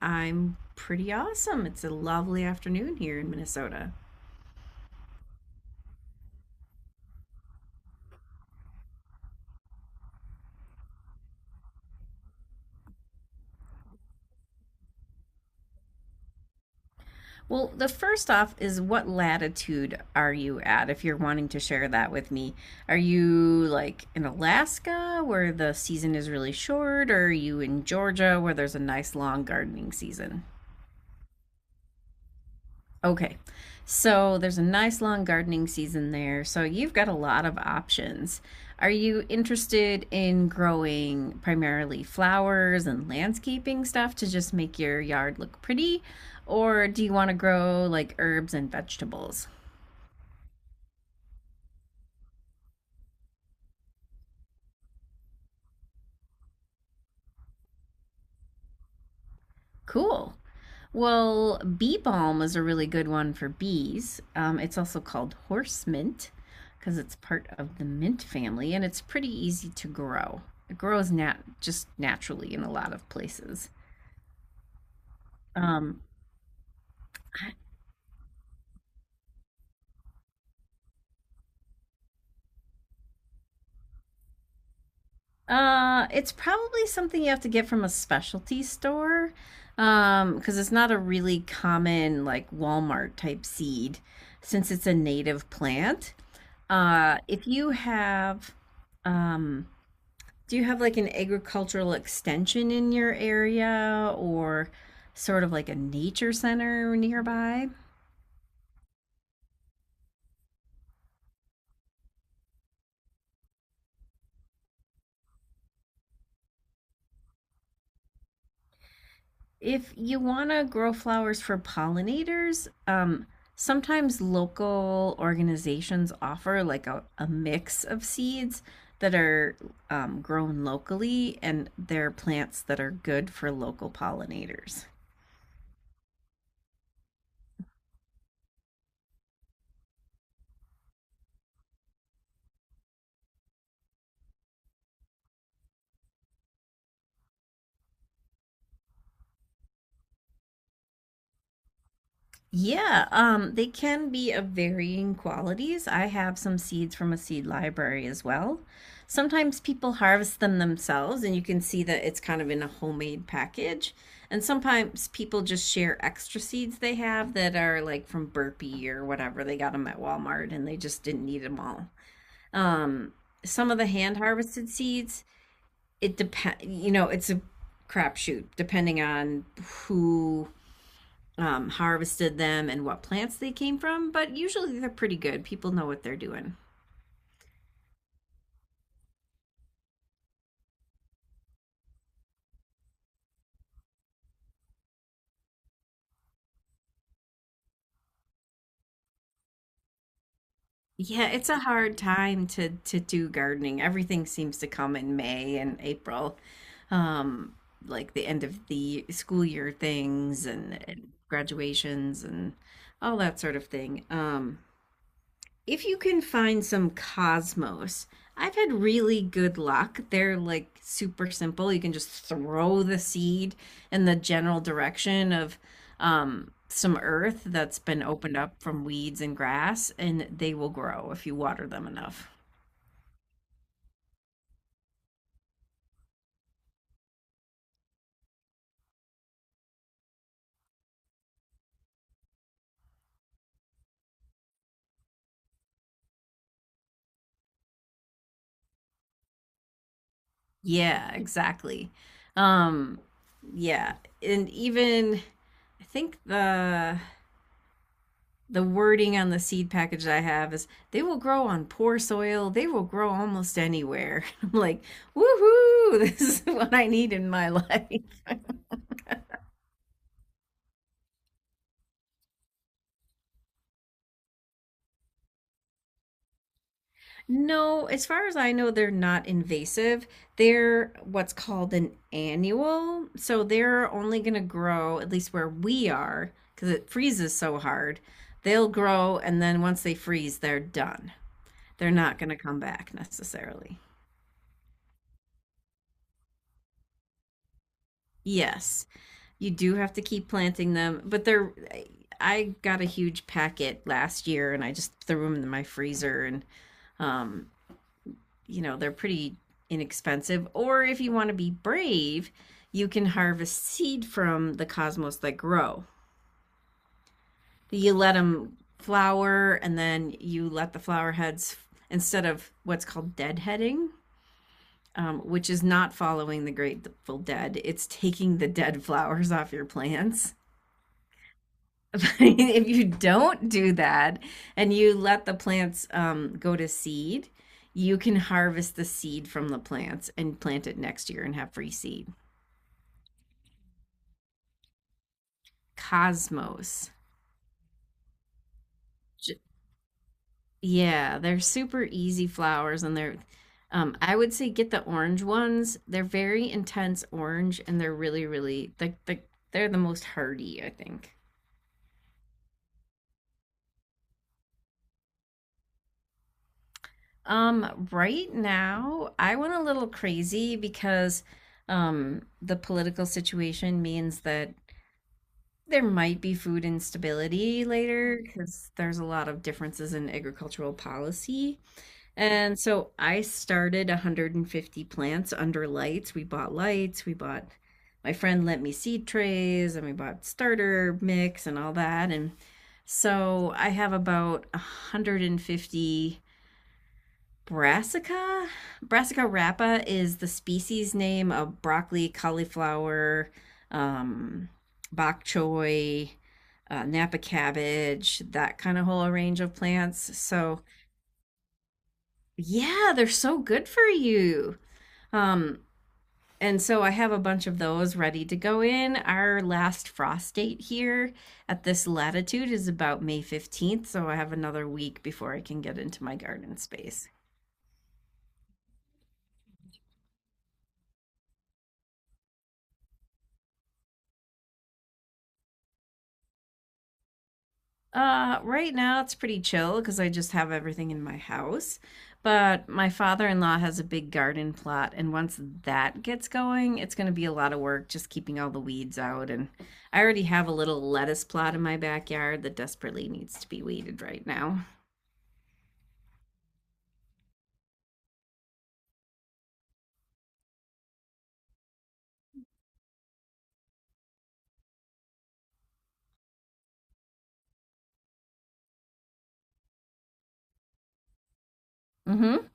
I'm pretty awesome. It's a lovely afternoon here in Minnesota. Well, the first off is what latitude are you at if you're wanting to share that with me? Are you like in Alaska where the season is really short, or are you in Georgia where there's a nice long gardening season? Okay. So there's a nice long gardening season there. So you've got a lot of options. Are you interested in growing primarily flowers and landscaping stuff to just make your yard look pretty? Or do you want to grow like herbs and vegetables? Cool. Well, bee balm is a really good one for bees. It's also called horse mint because it's part of the mint family and it's pretty easy to grow. It grows nat just naturally in a lot of places. Um, it's probably something you have to get from a specialty store because it's not a really common like Walmart type seed since it's a native plant. If you have um, Do you have like an agricultural extension in your area or sort of like a nature center nearby? If you want to grow flowers for pollinators, sometimes local organizations offer like a mix of seeds that are grown locally, and they're plants that are good for local pollinators. Yeah, they can be of varying qualities. I have some seeds from a seed library as well. Sometimes people harvest them themselves, and you can see that it's kind of in a homemade package. And sometimes people just share extra seeds they have that are like from Burpee or whatever. They got them at Walmart and they just didn't need them all. Um, some of the hand harvested seeds, it depend, you know, it's a crapshoot depending on who harvested them and what plants they came from, but usually they're pretty good. People know what they're doing. Yeah, it's a hard time to do gardening. Everything seems to come in May and April, um, like the end of the school year things, and graduations and all that sort of thing. If you can find some cosmos, I've had really good luck. They're like super simple. You can just throw the seed in the general direction of some earth that's been opened up from weeds and grass, and they will grow if you water them enough. Yeah, exactly. Um, yeah, and even I think the wording on the seed package that I have is they will grow on poor soil. They will grow almost anywhere. I'm like, woohoo, this is what I need in my life. No, as far as I know, they're not invasive. They're what's called an annual. So they're only going to grow, at least where we are, because it freezes so hard. They'll grow, and then once they freeze, they're done. They're not going to come back necessarily. Yes. You do have to keep planting them, but they're. I got a huge packet last year, and I just threw them in my freezer, and um, you know they're pretty inexpensive. Or if you want to be brave, you can harvest seed from the cosmos that grow. You let them flower, and then you let the flower heads instead of what's called deadheading, which is not following the Grateful Dead. It's taking the dead flowers off your plants. If you don't do that and you let the plants go to seed, you can harvest the seed from the plants and plant it next year and have free seed. Cosmos. J- Yeah, they're super easy flowers, and they're I would say get the orange ones. They're very intense orange, and they're really, really like they're the most hardy, I think. Right now, I went a little crazy because the political situation means that there might be food instability later because there's a lot of differences in agricultural policy. And so I started 150 plants under lights. We bought lights, we bought my friend lent me seed trays, and we bought starter mix and all that. And so I have about 150 Brassica. Brassica rapa is the species name of broccoli, cauliflower, um, bok choy, Napa cabbage, that kind of whole range of plants. So, yeah, they're so good for you. Um, and so I have a bunch of those ready to go in. Our last frost date here at this latitude is about May 15th, so I have another week before I can get into my garden space. Right now it's pretty chill because I just have everything in my house. But my father-in-law has a big garden plot, and once that gets going, it's going to be a lot of work just keeping all the weeds out. And I already have a little lettuce plot in my backyard that desperately needs to be weeded right now. Mm-hmm.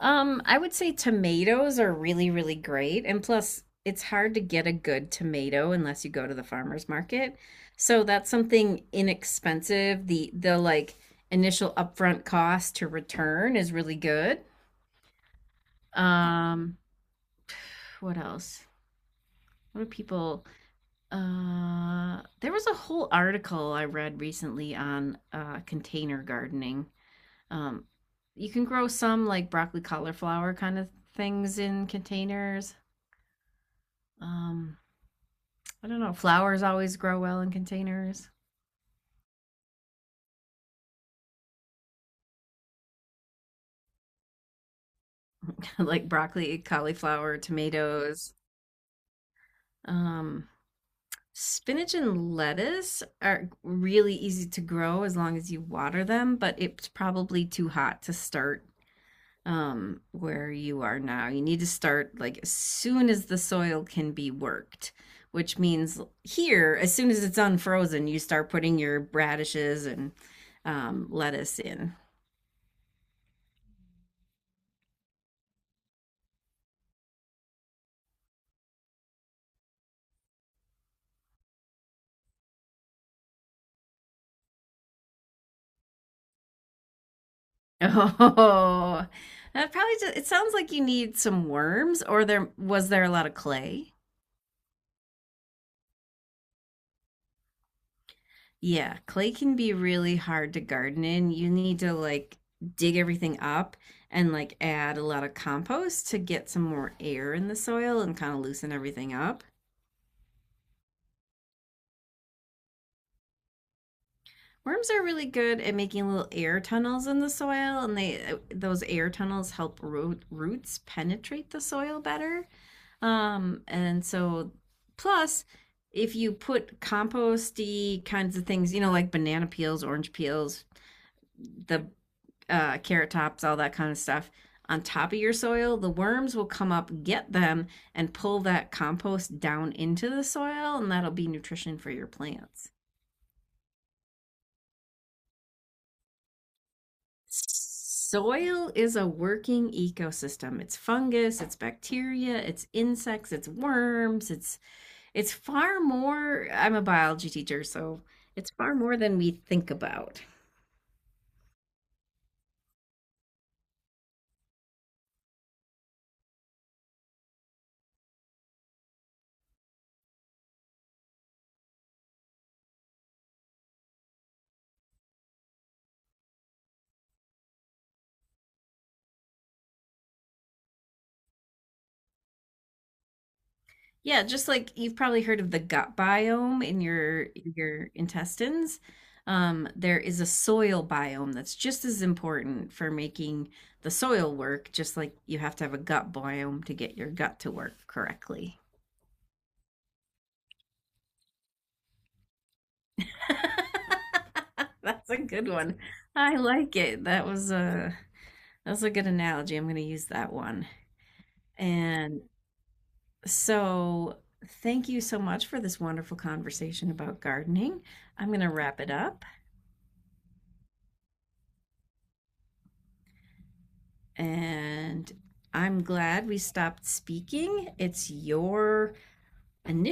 I would say tomatoes are really, really great. And plus, it's hard to get a good tomato unless you go to the farmer's market. So that's something inexpensive. The like initial upfront cost to return is really good. Um, what else? What do people There was a whole article I read recently on container gardening. Um, you can grow some like broccoli, cauliflower kind of things in containers. Um, I don't know. Flowers always grow well in containers, like broccoli, cauliflower, tomatoes. Um, Spinach and lettuce are really easy to grow as long as you water them, but it's probably too hot to start where you are now. You need to start like as soon as the soil can be worked, which means here, as soon as it's unfrozen, you start putting your radishes and lettuce in. Oh, that probably just, it sounds like you need some worms, or there was there a lot of clay? Yeah, clay can be really hard to garden in. You need to like dig everything up and like add a lot of compost to get some more air in the soil and kind of loosen everything up. Worms are really good at making little air tunnels in the soil, and they those air tunnels help roots penetrate the soil better. And so plus if you put composty kinds of things, you know, like banana peels, orange peels, the carrot tops, all that kind of stuff on top of your soil, the worms will come up, get them, and pull that compost down into the soil, and that'll be nutrition for your plants. Soil is a working ecosystem. It's fungus, it's bacteria, it's insects, it's worms, it's far more. I'm a biology teacher, so it's far more than we think about. Yeah, just like you've probably heard of the gut biome in your intestines. There is a soil biome that's just as important for making the soil work, just like you have to have a gut biome to get your gut to work correctly. That's a good one. I like it. That was a good analogy. I'm going to use that one. And So, Thank you so much for this wonderful conversation about gardening. I'm going to wrap it up and I'm glad we stopped speaking. It's your initiative.